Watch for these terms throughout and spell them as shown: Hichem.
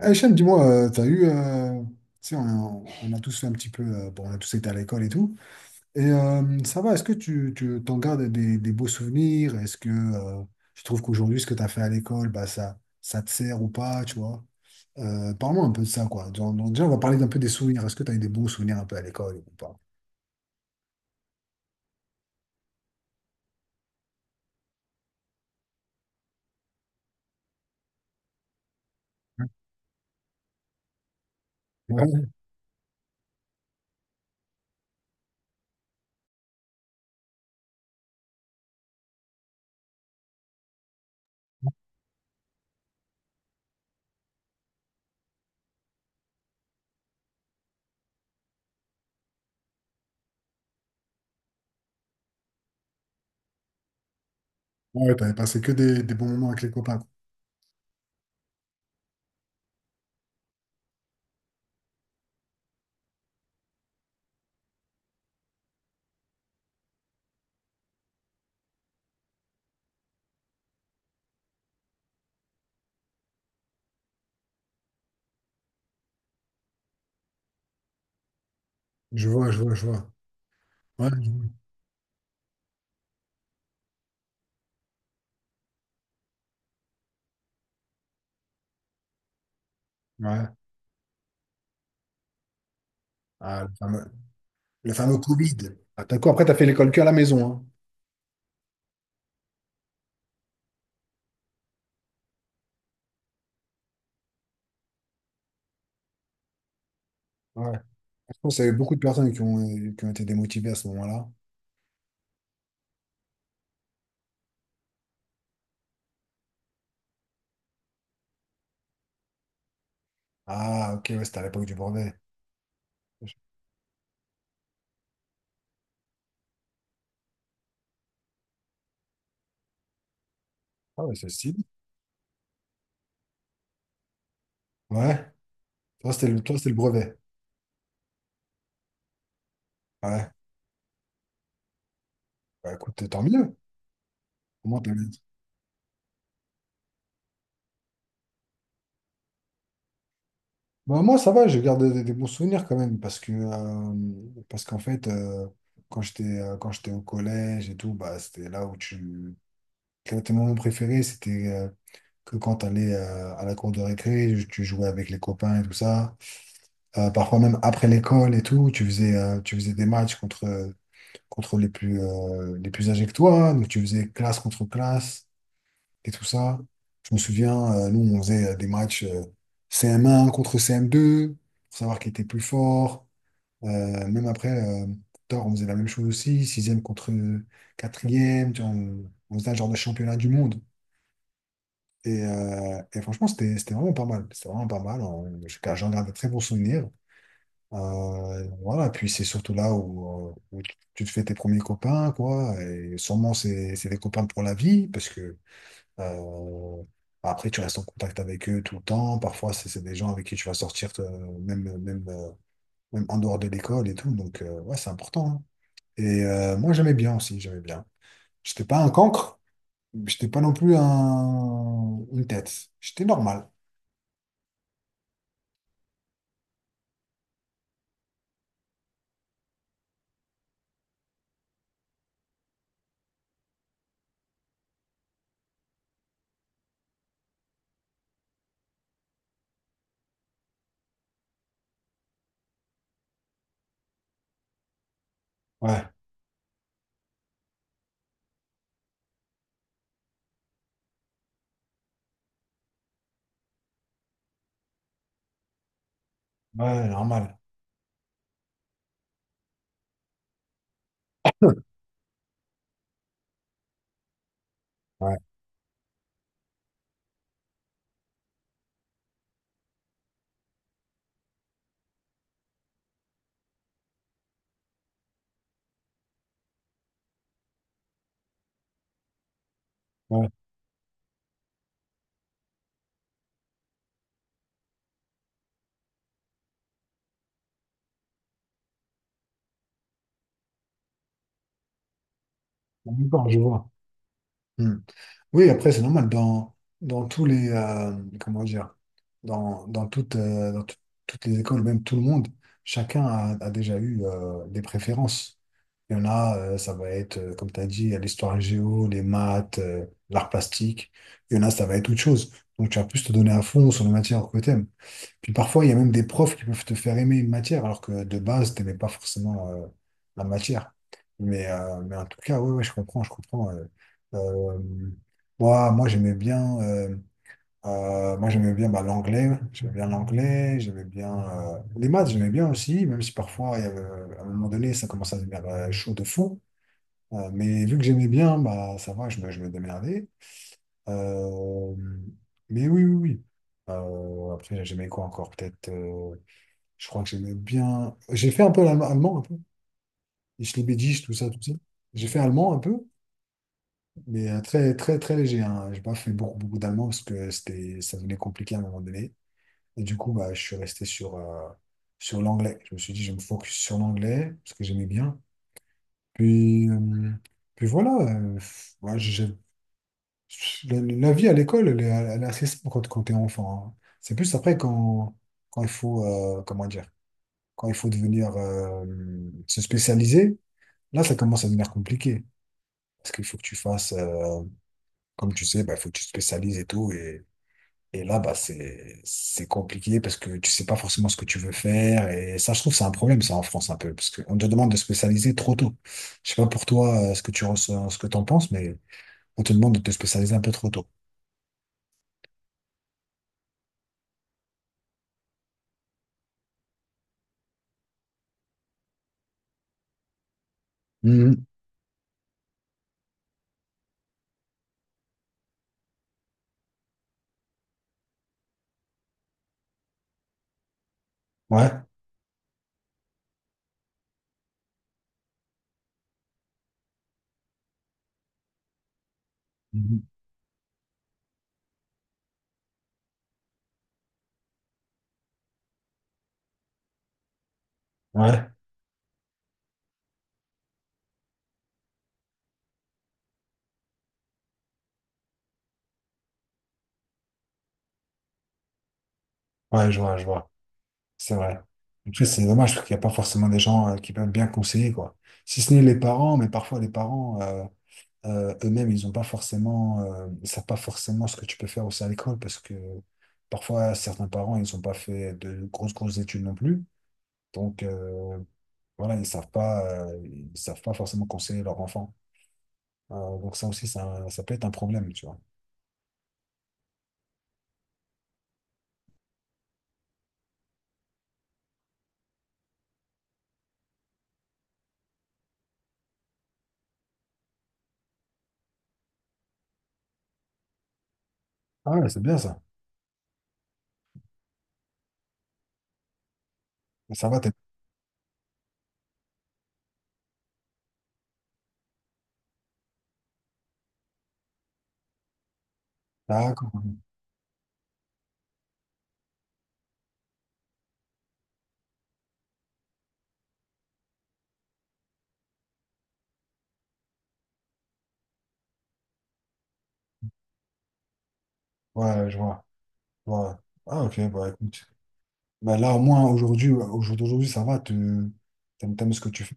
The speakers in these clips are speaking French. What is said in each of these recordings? Eh, Hichem, dis-moi, t'as eu, tu sais, on a tous fait un petit peu, bon, on a tous été à l'école et tout. Et ça va, est-ce que tu t'en gardes des beaux souvenirs? Est-ce que tu trouves qu'aujourd'hui, ce que tu as fait à l'école, bah, ça te sert ou pas, tu vois? Parle-moi un peu de ça, quoi. Genre, donc, déjà, on va parler un peu des souvenirs. Est-ce que tu as eu des bons souvenirs un peu à l'école ou pas? Ouais, ouais, t'avais passé que des bons moments avec les copains, quoi. Je vois, je vois, je vois. Ouais, je vois. Ouais. Ah, le fameux Covid. Ah, t'as quoi? Après, t'as fait l'école que à la maison, hein. Je pense qu'il y a eu beaucoup de personnes qui ont été démotivées à ce moment-là. Ah, ok, ouais, c'était à l'époque du brevet. Ah, ouais, c'est stylé. Ouais, toi, c'était le brevet. Ouais, bah, écoute, tant mieux. Comment t'as bien. Bah, moi, ça va, je garde des bons souvenirs quand même, parce qu'en fait, quand j'étais au collège et tout, bah, c'était là où tu. Quel était mon moment préféré, c'était que quand t'allais allais à la cour de récré, tu jouais avec les copains et tout ça. Parfois même après l'école et tout, tu faisais des matchs contre, contre les plus âgés que toi, hein. Donc, tu faisais classe contre classe et tout ça. Je me souviens, nous, on faisait des matchs CM1 contre CM2 pour savoir qui était plus fort. Même après, plus tard, on faisait la même chose aussi, sixième contre quatrième. Tu vois, on faisait un genre de championnat du monde. Et franchement, c'était vraiment pas mal. C'était vraiment pas mal. On. J'en garde de très bons souvenirs. Voilà, puis c'est surtout là où, où tu te fais tes premiers copains, quoi. Et sûrement, c'est des copains pour la vie, parce que euh, après, tu restes en contact avec eux tout le temps. Parfois, c'est des gens avec qui tu vas sortir, même, même, euh, même en dehors de l'école et tout. Donc, ouais, c'est important, hein. Et moi, j'aimais bien aussi, j'aimais bien. J'étais pas un cancre, j'étais pas non plus une tête. J'étais normal. Ouais, ouais, normal. Ouais, ouais. D'accord, je vois. Oui, après, c'est normal. Dans, comment dire, dans, dans, toutes, dans tout- toutes les écoles, même tout le monde, a déjà eu des préférences. Il y en a, ça va être, comme tu as dit, l'histoire géo, les maths, l'art plastique. Il y en a, ça va être autre chose. Donc, tu vas plus te donner à fond sur les matières que tu aimes. Puis parfois, il y a même des profs qui peuvent te faire aimer une matière, alors que de base, tu n'aimais pas forcément la matière. Mais en tout cas, oui, ouais, ouais, je comprends, je comprends. Euh, moi, moi j'aimais bien, euh, moi, j'aimais bien bah, l'anglais, j'aimais bien les maths, j'aimais bien aussi, même si parfois, il y avait à un moment donné, ça commençait à devenir chaud de fou. Mais vu que j'aimais bien, bah, ça va, je me démerdais. Euh, mais oui, oui, oui. Après, j'aimais quoi encore? Peut-être, je crois que j'aimais bien. J'ai fait un peu l'allemand, allemand un peu. Et Schliebedisch, tout ça, tout ça. J'ai fait allemand un peu, mais très, très, très léger, hein. J'ai pas fait beaucoup, beaucoup d'allemand parce que c'était, ça devenait compliqué à un moment donné. Et du coup, bah, je suis resté sur, sur l'anglais. Je me suis dit, je me focus sur l'anglais parce que j'aimais bien. Puis, puis voilà. Ouais, j'ai la vie à l'école, elle est assez simple quand t'es enfant, hein. C'est plus après quand il faut, comment dire, quand il faut devenir, se spécialiser. Là, ça commence à devenir compliqué. Parce qu'il faut que tu fasses, comme tu sais, bah, il faut que tu te spécialises et tout. Et là, bah, c'est compliqué parce que tu sais pas forcément ce que tu veux faire. Et ça, je trouve, c'est un problème, ça, en France, un peu. Parce qu'on te demande de spécialiser trop tôt. Je sais pas pour toi, ce que tu ressens, ce que t'en penses, mais on te demande de te spécialiser un peu trop tôt. Mhm. Ouais. Mhm. Ouais. Ouais, je vois, je vois. C'est vrai. Après, c'est dommage parce qu'il n'y a pas forcément des gens, qui peuvent bien conseiller, quoi. Si ce n'est les parents, mais parfois les parents, eux-mêmes, ils n'ont pas forcément, ils savent pas forcément ce que tu peux faire aussi à l'école parce que parfois, certains parents, ils n'ont pas fait de grosses, grosses études non plus. Donc, voilà, ils savent pas forcément conseiller leur enfant. Donc, ça aussi, ça peut être un problème, tu vois. Ah ouais, c'est bien ça. Ça va, t'es... D'accord. Ouais, je vois. Ouais. Ah, ok, bah écoute. Bah, là, au moins, aujourd'hui, ouais, au jour d'aujourd'hui, ça va, tu t'aimes, t'aimes ce que tu fais.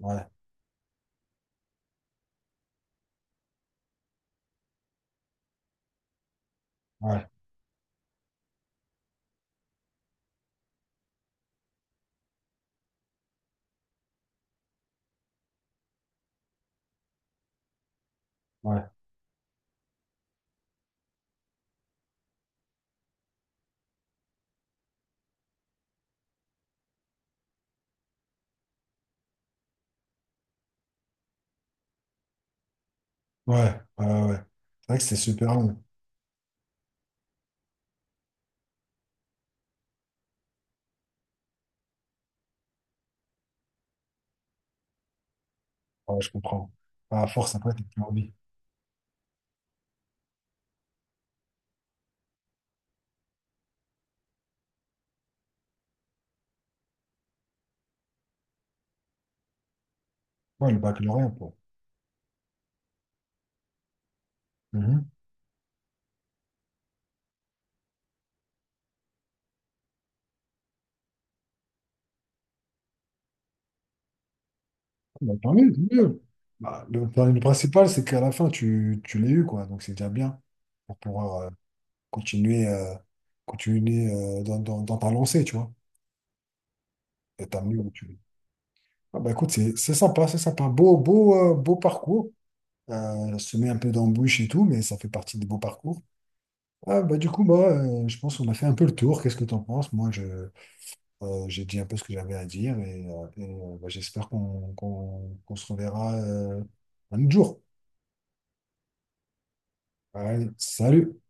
Ouais, ouais, ouais, ouais, ouais, ouais, ouais. C'est vrai que c'est super long. Ouais, je comprends. À force, après, t'as plus envie. Ouais, le baccalauréat, quoi. Mhm. Ah, bah, tant mieux, tant mieux. Bah, le, enfin, le principal, c'est qu'à la fin, tu l'as eu, quoi. Donc, c'est déjà bien pour pouvoir continuer, dans ta lancée, tu vois. Et t'amener où tu veux. Ah, bah, écoute, c'est sympa, c'est sympa. Beau, beau parcours. Se met un peu d'embûches et tout, mais ça fait partie des beaux parcours. Ah, bah, du coup, moi, je pense qu'on a fait un peu le tour. Qu'est-ce que tu en penses? J'ai dit un peu ce que j'avais à dire et, bah, j'espère qu'on se reverra un autre jour. Allez, salut!